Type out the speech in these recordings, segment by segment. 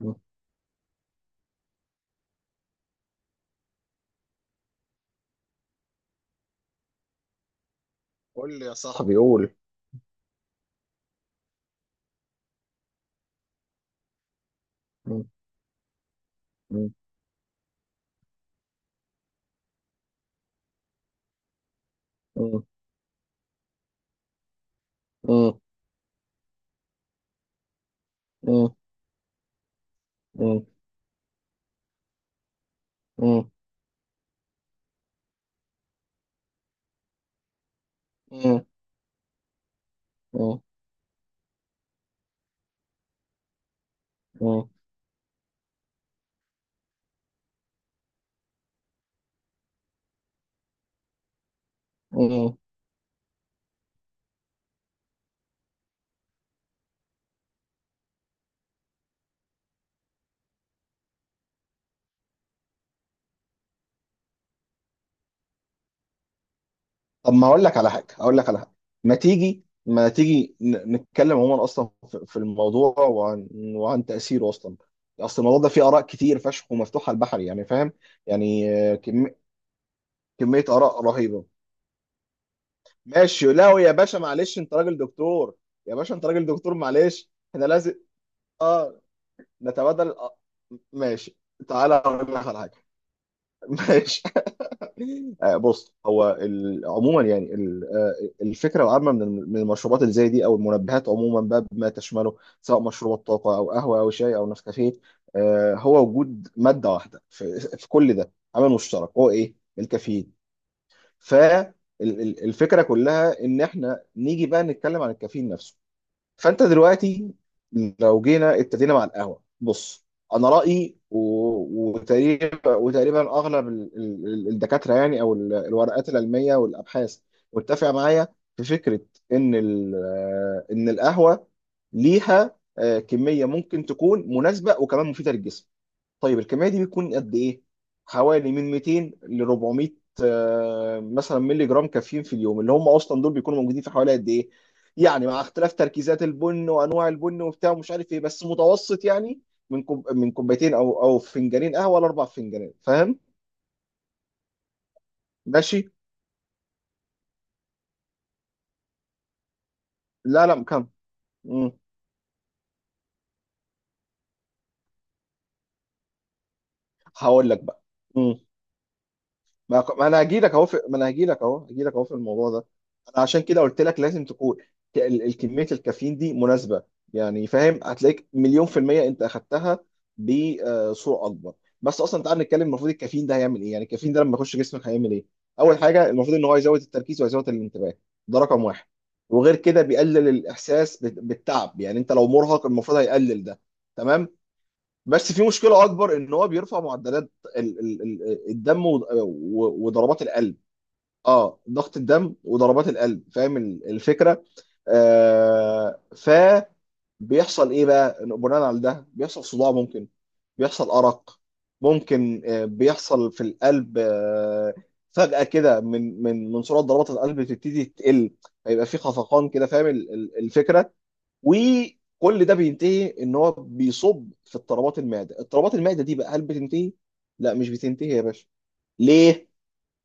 مم. قول لي يا صاحبي بيقول. مم. مم. مم. مم. مم. مم. مم. مم. مم. مم. طب، ما اقول لك على حاجه. ما تيجي نتكلم عموما، اصلا في الموضوع، وعن تاثيره اصلا. اصل الموضوع ده فيه اراء كتير فشخ ومفتوحه البحر، يعني فاهم. يعني كميه اراء رهيبه. ماشي. لا يا باشا، معلش انت راجل دكتور. يا باشا انت راجل دكتور، معلش احنا لازم اه نتبادل ماشي. تعالى اقول لك على حاجه. ماشي. بص، هو عموما يعني الفكره العامه من المشروبات اللي زي دي او المنبهات عموما بقى بما تشمله، سواء مشروبات طاقه او قهوه او شاي او نسكافيه. هو وجود ماده واحده في كل ده، عامل مشترك، هو ايه؟ الكافيين. فالفكره كلها ان احنا نيجي بقى نتكلم عن الكافيين نفسه. فانت دلوقتي، لو جينا ابتدينا مع القهوه، بص، انا رايي وتقريبا اغلب الدكاتره يعني، او الورقات العلميه والابحاث، متفقه معايا في فكره ان ال- ان القهوه ليها كميه ممكن تكون مناسبه وكمان مفيده للجسم. طيب الكميه دي بتكون قد ايه؟ حوالي من 200 ل 400 مثلا مللي جرام كافيين في اليوم، اللي هم اصلا دول بيكونوا موجودين في حوالي قد ايه، يعني مع اختلاف تركيزات البن وانواع البن وبتاع ومش عارف ايه، بس متوسط يعني من كوب، من كوبايتين او فنجانين قهوه لاربع فنجانات، فاهم. ماشي. لا لا مم. هقول لك بقى. ما انا هجي لك اهو في... ما انا هجي لك اهو في الموضوع ده. انا عشان كده قلت لك لازم تكون الكميه الكافيين دي مناسبه. يعني فاهم، هتلاقيك مليون في الميه انت اخدتها بصوره اكبر. بس اصلا تعال نتكلم، المفروض الكافيين ده هيعمل ايه؟ يعني الكافيين ده لما يخش جسمك هيعمل ايه؟ اول حاجه، المفروض ان هو يزود التركيز ويزود الانتباه. ده رقم واحد. وغير كده بيقلل الاحساس بالتعب، يعني انت لو مرهق المفروض هيقلل ده. تمام. بس في مشكله اكبر، ان هو بيرفع معدلات الدم وضربات القلب. اه، ضغط الدم وضربات القلب، فاهم الفكره. آه ف بيحصل ايه بقى بناء على ده؟ بيحصل صداع ممكن، بيحصل ارق ممكن، بيحصل في القلب، فجأة كده من سرعة ضربات القلب تبتدي تقل. هيبقى في خفقان كده، فاهم الفكرة. وكل ده بينتهي ان هو بيصب في اضطرابات المعده. اضطرابات المعده دي بقى هل بتنتهي؟ لا، مش بتنتهي يا باشا. ليه؟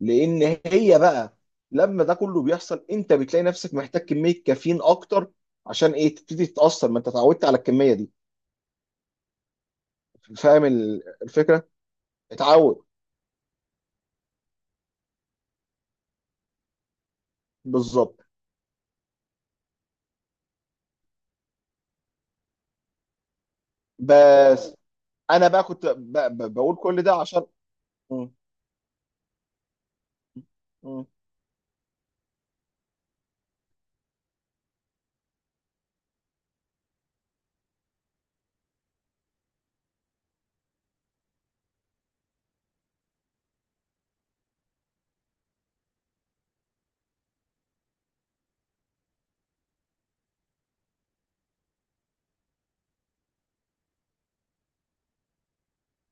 لان هي بقى لما ده كله بيحصل انت بتلاقي نفسك محتاج كميه كافيين اكتر. عشان ايه؟ تبتدي تتاثر، ما انت اتعودت على الكميه دي. فاهم الفكره. اتعود، بالظبط. بس انا بقى كنت بقول كل ده عشان م- م-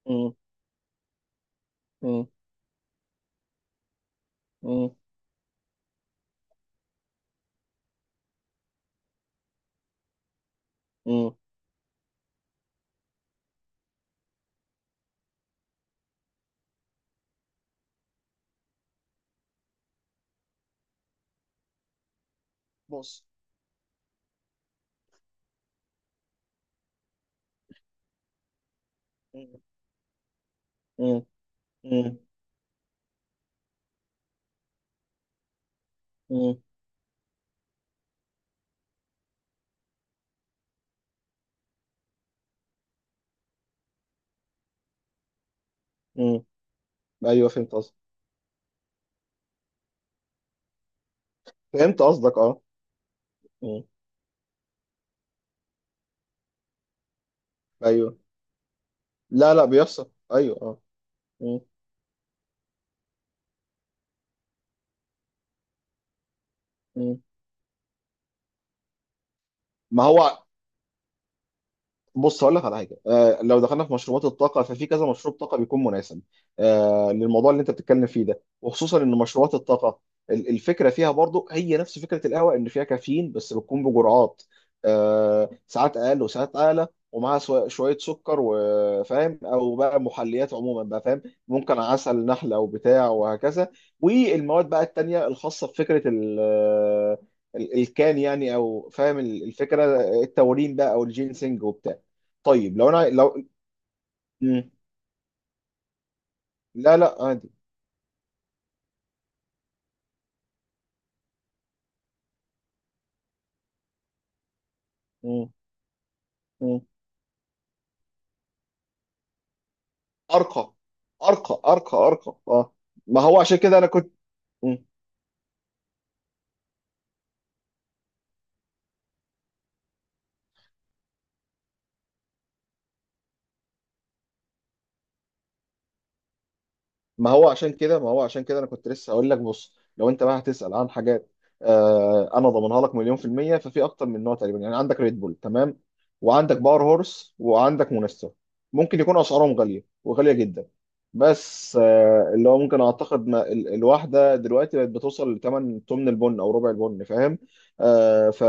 م- م- م- م- بص م- م- م- م- ايوه، فهمت قصدك، اه. مم. ايوه. لا لا، بيحصل، ايوه، اه. مم. مم. ما هو بص، هقول لك على حاجه. لو دخلنا في مشروبات الطاقه، ففي كذا مشروب طاقه بيكون مناسب للموضوع اللي انت بتتكلم فيه ده، وخصوصا ان مشروبات الطاقه الفكره فيها برضو هي نفس فكره القهوه، ان فيها كافيين بس بتكون بجرعات ساعات اقل وساعات اعلى، ومعاها شويه سكر وفاهم، او بقى محليات عموما بقى، فاهم. ممكن عسل نحله او بتاع، وهكذا. والمواد بقى التانيه الخاصه بفكره الكان يعني، او فاهم الفكره، التورين بقى، او الجينسينج وبتاع. طيب لو انا لو. مم. لا لا، عادي. مم. مم. ارقى ارقى ارقى ارقى ارقى، اه. ما هو عشان كده انا كنت ما هو عشان كده انا كنت لسه هقول لك. بص، لو انت بقى هتسأل عن حاجات، انا ضامنها لك مليون في المية. ففي اكتر من نوع تقريبا، يعني عندك ريد بول، تمام، وعندك باور هورس، وعندك مونستر. ممكن يكون اسعارهم غالية وغالية جدا، بس اللي هو ممكن اعتقد ما الواحدة دلوقتي بقت بتوصل لثمن تمن البن او ربع البن، فاهم. آه ف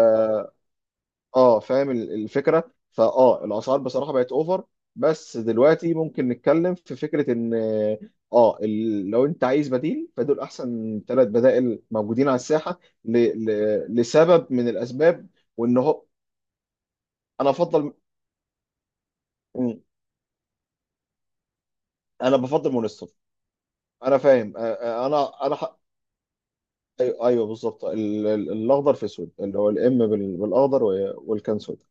اه، فاهم الفكره، فاه، الاسعار بصراحه بقت اوفر. بس دلوقتي ممكن نتكلم في فكره ان اه لو انت عايز بديل، فدول احسن 3 بدائل موجودين على الساحه لسبب من الاسباب. وان هو انا افضل م- انا بفضل مونستر. انا فاهم. ايوه، أيوة، بالظبط، الاخضر في اسود، اللي هو الام بالاخضر والكان سود.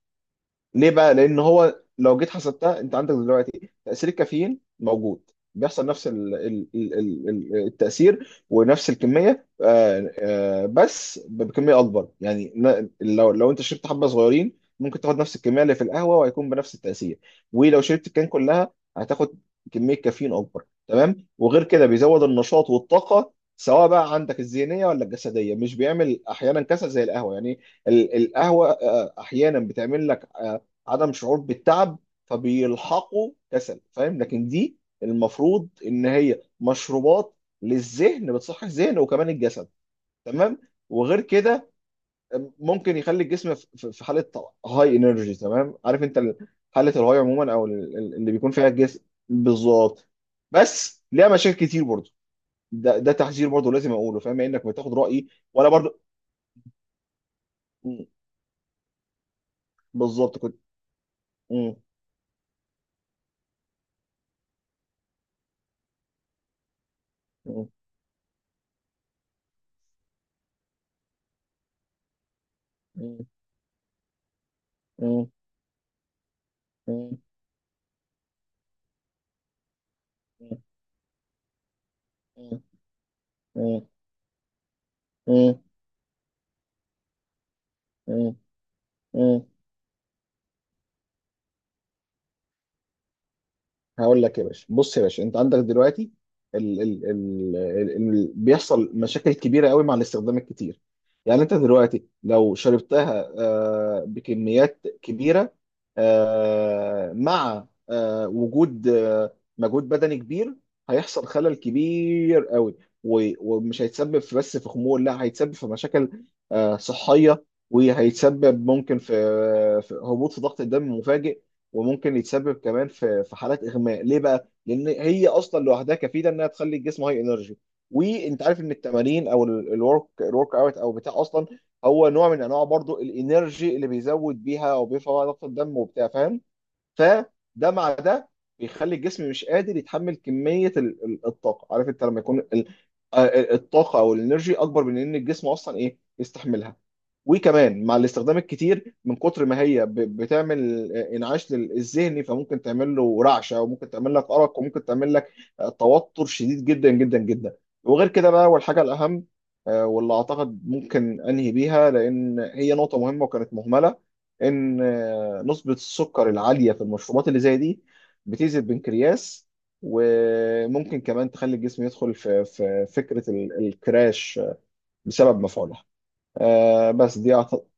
ليه بقى؟ لأن هو لو جيت حسبتها أنت عندك دلوقتي تأثير الكافيين موجود، بيحصل نفس التأثير ونفس الكمية، بس بكمية أكبر يعني. لو أنت شربت حبة صغيرين، ممكن تاخد نفس الكمية اللي في القهوة وهيكون بنفس التأثير. ولو شربت الكان كلها هتاخد كمية كافيين أكبر، تمام. وغير كده بيزود النشاط والطاقة، سواء بقى عندك الذهنية ولا الجسدية، مش بيعمل أحيانا كسل زي القهوة يعني. القهوة أحيانا بتعمل لك عدم شعور بالتعب، فبيلحقوا كسل، فاهم. لكن دي المفروض ان هي مشروبات للذهن، بتصحي الذهن وكمان الجسد، تمام. وغير كده ممكن يخلي الجسم في في حاله هاي انرجي، تمام. عارف انت حاله الهاي عموما، او اللي بيكون فيها الجسم. بالظبط. بس ليها مشاكل كتير برضه. ده تحذير برضه لازم اقوله، فاهم، يعني انك بتاخد رايي وانا برضه. مم. بالظبط كنت. مم. مم. مم. مم. مم. مم. مم. مم. مم. هقول لك يا باشا. بص يا باشا، انت عندك دلوقتي ال ال ال ال ال بيحصل مشاكل كبيره قوي مع الاستخدام الكتير. يعني انت دلوقتي لو شربتها بكميات كبيره مع وجود مجهود بدني كبير، هيحصل خلل كبير قوي. و- ومش هيتسبب في بس في خمول، لا، هيتسبب في مشاكل صحيه، وهيتسبب ممكن في في هبوط في ضغط الدم مفاجئ. وممكن يتسبب كمان في حالات اغماء. ليه بقى؟ لان هي اصلا لوحدها كفيله انها تخلي الجسم هاي انرجي، وانت عارف ان التمارين، او الورك اوت، او بتاع، اصلا هو نوع من انواع برضو الانرجي، اللي بيزود بيها او بيرفع بقى ضغط الدم وبتاع، فاهم. فده مع ده بيخلي الجسم مش قادر يتحمل كمية الطاقة. عارف انت لما يكون الطاقة او الانرجي اكبر من ان الجسم اصلا ايه يستحملها. وكمان مع الاستخدام الكتير من كتر ما هي بتعمل انعاش الذهني، فممكن تعمل له رعشة، وممكن تعمل لك أرق، وممكن تعمل لك توتر شديد جدا جدا جدا. وغير كده بقى، والحاجة الأهم واللي أعتقد ممكن أنهي بيها، لأن هي نقطة مهمة وكانت مهملة، ان نسبة السكر العالية في المشروبات اللي زي دي بتأذي البنكرياس. وممكن كمان تخلي الجسم يدخل في فكرة الكراش بسبب مفعولها. بس دي أعتقد.